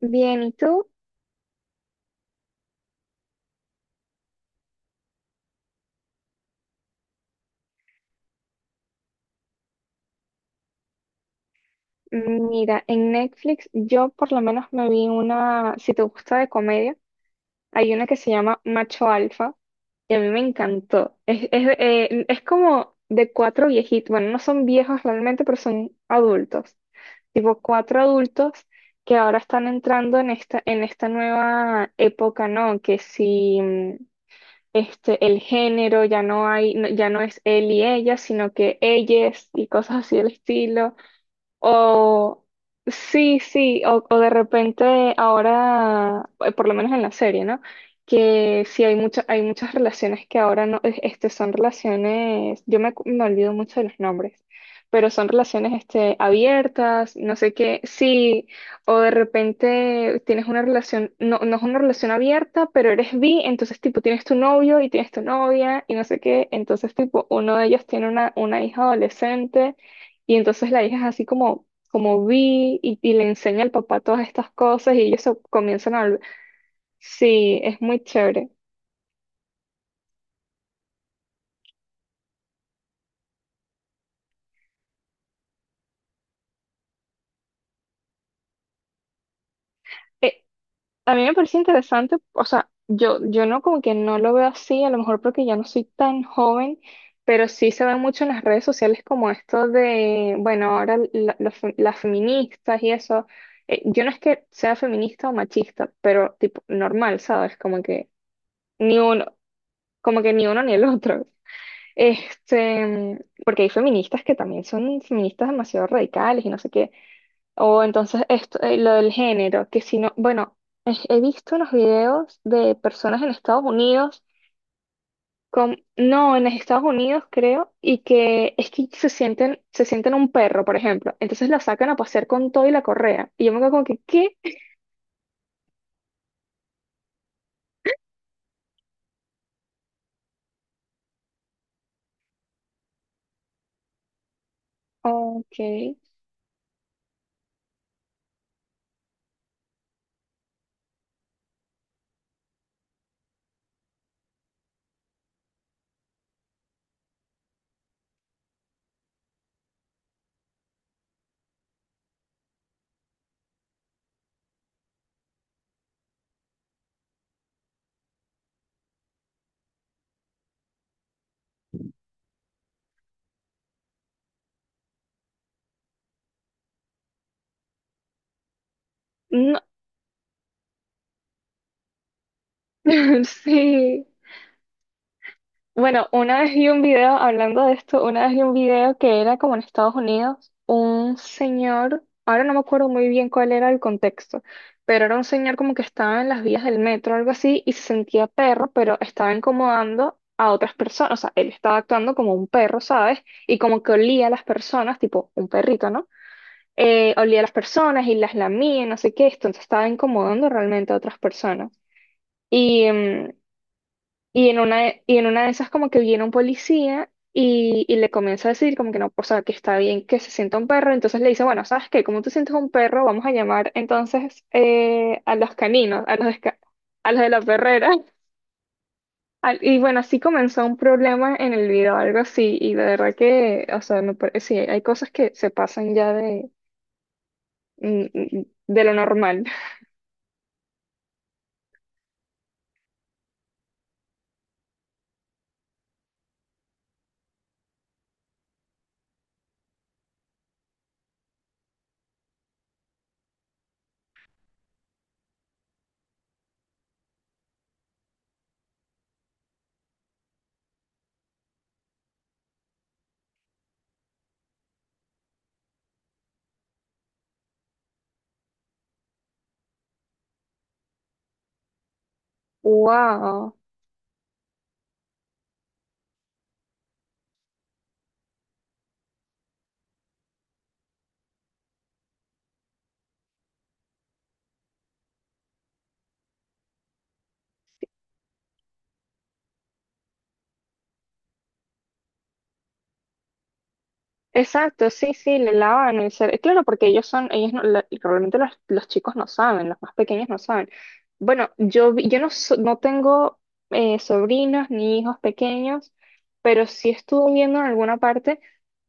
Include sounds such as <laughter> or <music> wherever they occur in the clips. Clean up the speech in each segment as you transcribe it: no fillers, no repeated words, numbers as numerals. Bien, ¿y tú? Mira, en Netflix yo por lo menos me vi una, si te gusta de comedia, hay una que se llama Macho Alfa y a mí me encantó. Es como de cuatro viejitos, bueno, no son viejos realmente, pero son adultos, tipo cuatro adultos que ahora están entrando en esta nueva época, ¿no? Que si este, el género ya no hay, ya no es él y ella, sino que ellas y cosas así del estilo. O sí, sí, o de repente ahora, por lo menos en la serie, ¿no? Que sí hay muchas relaciones que ahora no, este, son relaciones, me olvido mucho de los nombres, pero son relaciones este, abiertas, no sé qué, sí, o de repente tienes una relación, no, no es una relación abierta, pero eres bi, entonces tipo tienes tu novio y tienes tu novia y no sé qué, entonces tipo uno de ellos tiene una hija adolescente. Y entonces la hija es así como, como vi y le enseña al papá todas estas cosas y ellos se comienzan a... Sí, es muy chévere. Eh, a mí me parece interesante, o sea, yo no como que no lo veo así, a lo mejor porque ya no soy tan joven, pero sí se ve mucho en las redes sociales como esto de, bueno, ahora las feministas y eso. Yo no es que sea feminista o machista, pero tipo normal, ¿sabes? Como que ni uno, como que ni uno ni el otro. Este, porque hay feministas que también son feministas demasiado radicales y no sé qué. O entonces esto, lo del género, que si no, bueno, he visto unos videos de personas en Estados Unidos con, no, en Estados Unidos creo, y que es que se sienten un perro, por ejemplo. Entonces lo sacan a pasear con todo y la correa. Y yo me quedo como que, ¿qué? Ok. No, <laughs> sí. Bueno, una vez vi un video, hablando de esto, una vez vi un video que era como en Estados Unidos, un señor, ahora no me acuerdo muy bien cuál era el contexto, pero era un señor como que estaba en las vías del metro o algo así y se sentía perro, pero estaba incomodando a otras personas, o sea, él estaba actuando como un perro, ¿sabes? Y como que olía a las personas, tipo un perrito, ¿no? Olía a las personas y las lamía, y no sé qué, esto, entonces estaba incomodando realmente a otras personas. Y, y en una, y en una de esas como que viene un policía y le comienza a decir como que no, o sea, que está bien que se sienta un perro. Entonces le dice, bueno, ¿sabes qué? Como tú sientes un perro, vamos a llamar entonces a los caninos, a los, a los de la perrera. <laughs> Y bueno, así comenzó un problema en el video, algo así. Y de verdad que, o sea, sí, hay cosas que se pasan ya de, de lo normal. <laughs> ¡Wow! Exacto, sí, sí, le lavan el cerebro. Claro, porque ellos son, ellos no, realmente los chicos no saben, los más pequeños no saben. Bueno, yo, yo no, no tengo sobrinos ni hijos pequeños, pero sí estuve viendo en alguna parte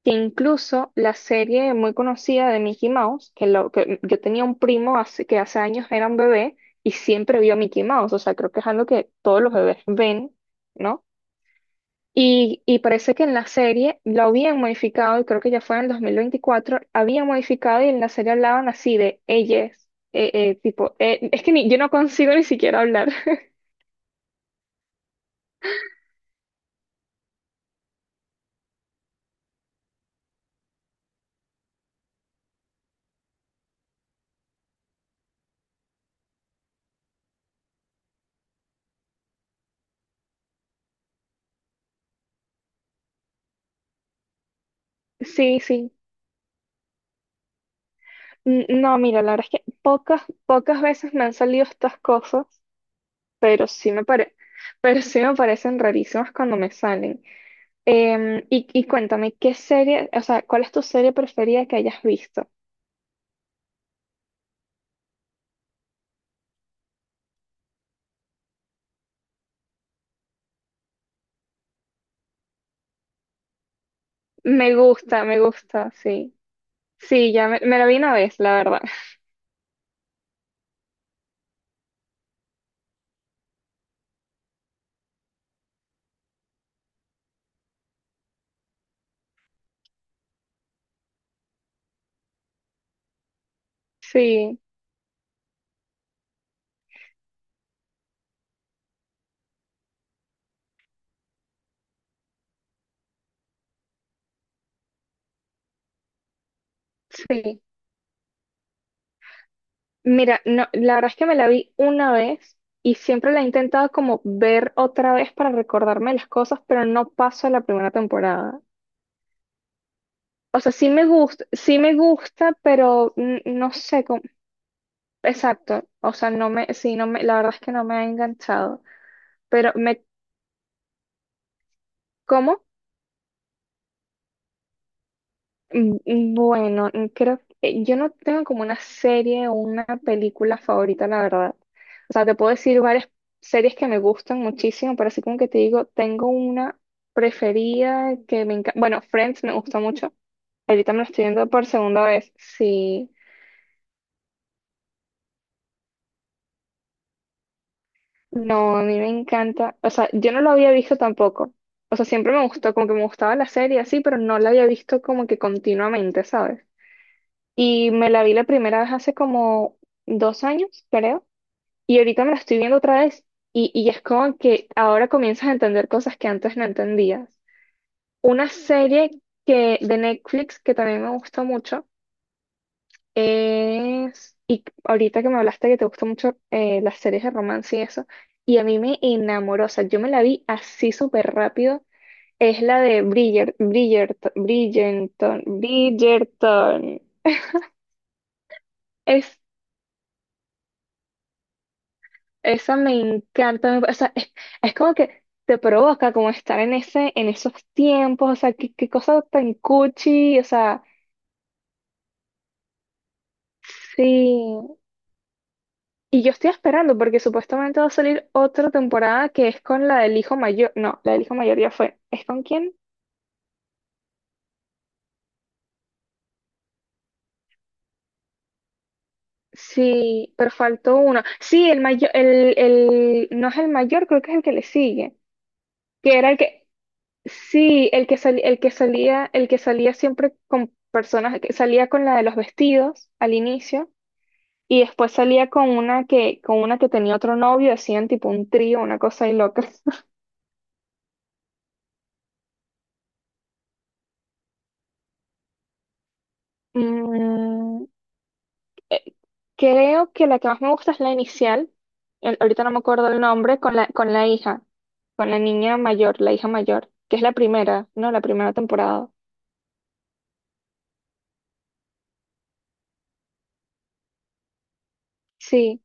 que incluso la serie muy conocida de Mickey Mouse, que, lo, que yo tenía un primo hace, que hace años era un bebé y siempre vio a Mickey Mouse, o sea, creo que es algo que todos los bebés ven, ¿no? Y parece que en la serie lo habían modificado, y creo que ya fue en el 2024, habían modificado y en la serie hablaban así de ellas, tipo, es que ni, yo no consigo ni siquiera hablar. <laughs> Sí, sí. No, mira, la verdad es que pocas, pocas veces me han salido estas cosas, pero <laughs> pero sí me parecen rarísimas cuando me salen. Y, y cuéntame, ¿qué serie, o sea, cuál es tu serie preferida que hayas visto? Me gusta, sí. Sí, ya me la vi una vez, la verdad. Sí, sí. Mira, no, la verdad es que me la vi una vez y siempre la he intentado como ver otra vez para recordarme las cosas, pero no paso a la primera temporada. O sea, sí me gusta, pero no sé cómo. Exacto. O sea, no me, sí, no me, la verdad es que no me ha enganchado. Pero me, ¿cómo? Bueno, creo que yo no tengo como una serie o una película favorita, la verdad. O sea, te puedo decir varias series que me gustan muchísimo, pero así como que te digo, tengo una preferida que me encanta. Bueno, Friends me gusta mucho. Ahorita me lo estoy viendo por segunda vez. Sí, no, a mí me encanta. O sea, yo no lo había visto tampoco. O sea, siempre me gustó, como que me gustaba la serie así, pero no la había visto como que continuamente, ¿sabes? Y me la vi la primera vez hace como dos años, creo. Y ahorita me la estoy viendo otra vez y es como que ahora comienzas a entender cosas que antes no entendías. Una serie que, de Netflix que también me gusta mucho es, y ahorita que me hablaste que te gustan mucho las series de romance y eso, y a mí me enamoró, o sea, yo me la vi así súper rápido, es la de Bridgerton. Es Esa me encanta, o sea, es como que te provoca como estar en ese, en esos tiempos, o sea, qué, qué cosa tan cuchi, o sea, sí. Y yo estoy esperando porque supuestamente va a salir otra temporada que es con la del hijo mayor, no, la del hijo mayor ya fue, ¿es con quién? Sí, pero faltó uno. Sí, el mayor, no es el mayor, creo que es el que le sigue, que era el que, Sí, el que salía siempre con personas, que salía con la de los vestidos al inicio y después salía con una que tenía otro novio, hacían tipo un trío, una cosa ahí loca. <laughs> Mm, eh, Creo que la que más me gusta es la inicial, ahorita no me acuerdo el nombre, con la hija, con la niña mayor, la hija mayor, que es la primera, ¿no? La primera temporada. Sí.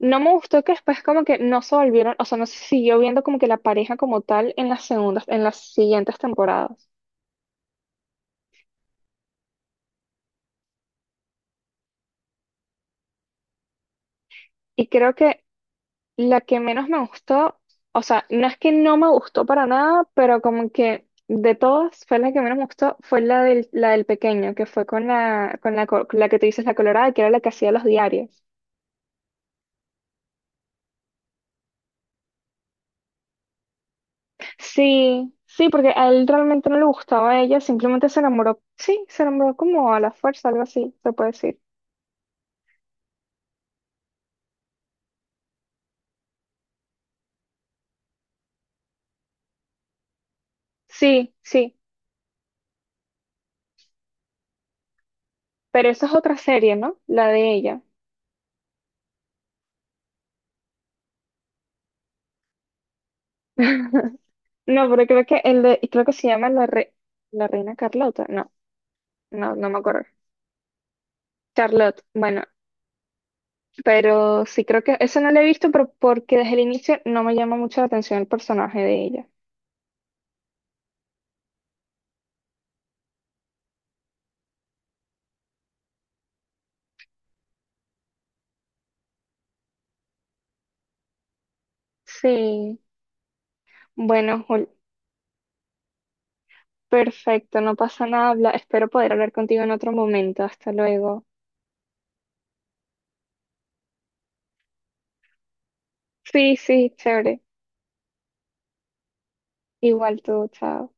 No me gustó que después como que no se volvieron, o sea, no se siguió viendo como que la pareja como tal en las segundas, en las siguientes temporadas. Y creo que la que menos me gustó, o sea, no es que no me gustó para nada, pero como que de todas fue la que menos me gustó, fue la del pequeño, que fue con la, la que tú dices, la colorada, que era la que hacía los diarios. Sí, sí, porque a él realmente no le gustaba a ella, simplemente se enamoró, sí, se enamoró como a la fuerza, algo así, se puede decir. Sí, sí. Pero esa es otra serie, ¿no? La de ella. <laughs> No, pero creo que el de, y creo que se llama la, la Reina Carlota. No, no, no me acuerdo. Charlotte, bueno, pero sí creo que eso no lo he visto, pero porque desde el inicio no me llama mucho la atención el personaje de ella. Sí, bueno, Jul, perfecto, no pasa nada. Espero poder hablar contigo en otro momento. Hasta luego. Sí, sí, chévere. Igual tú, chao.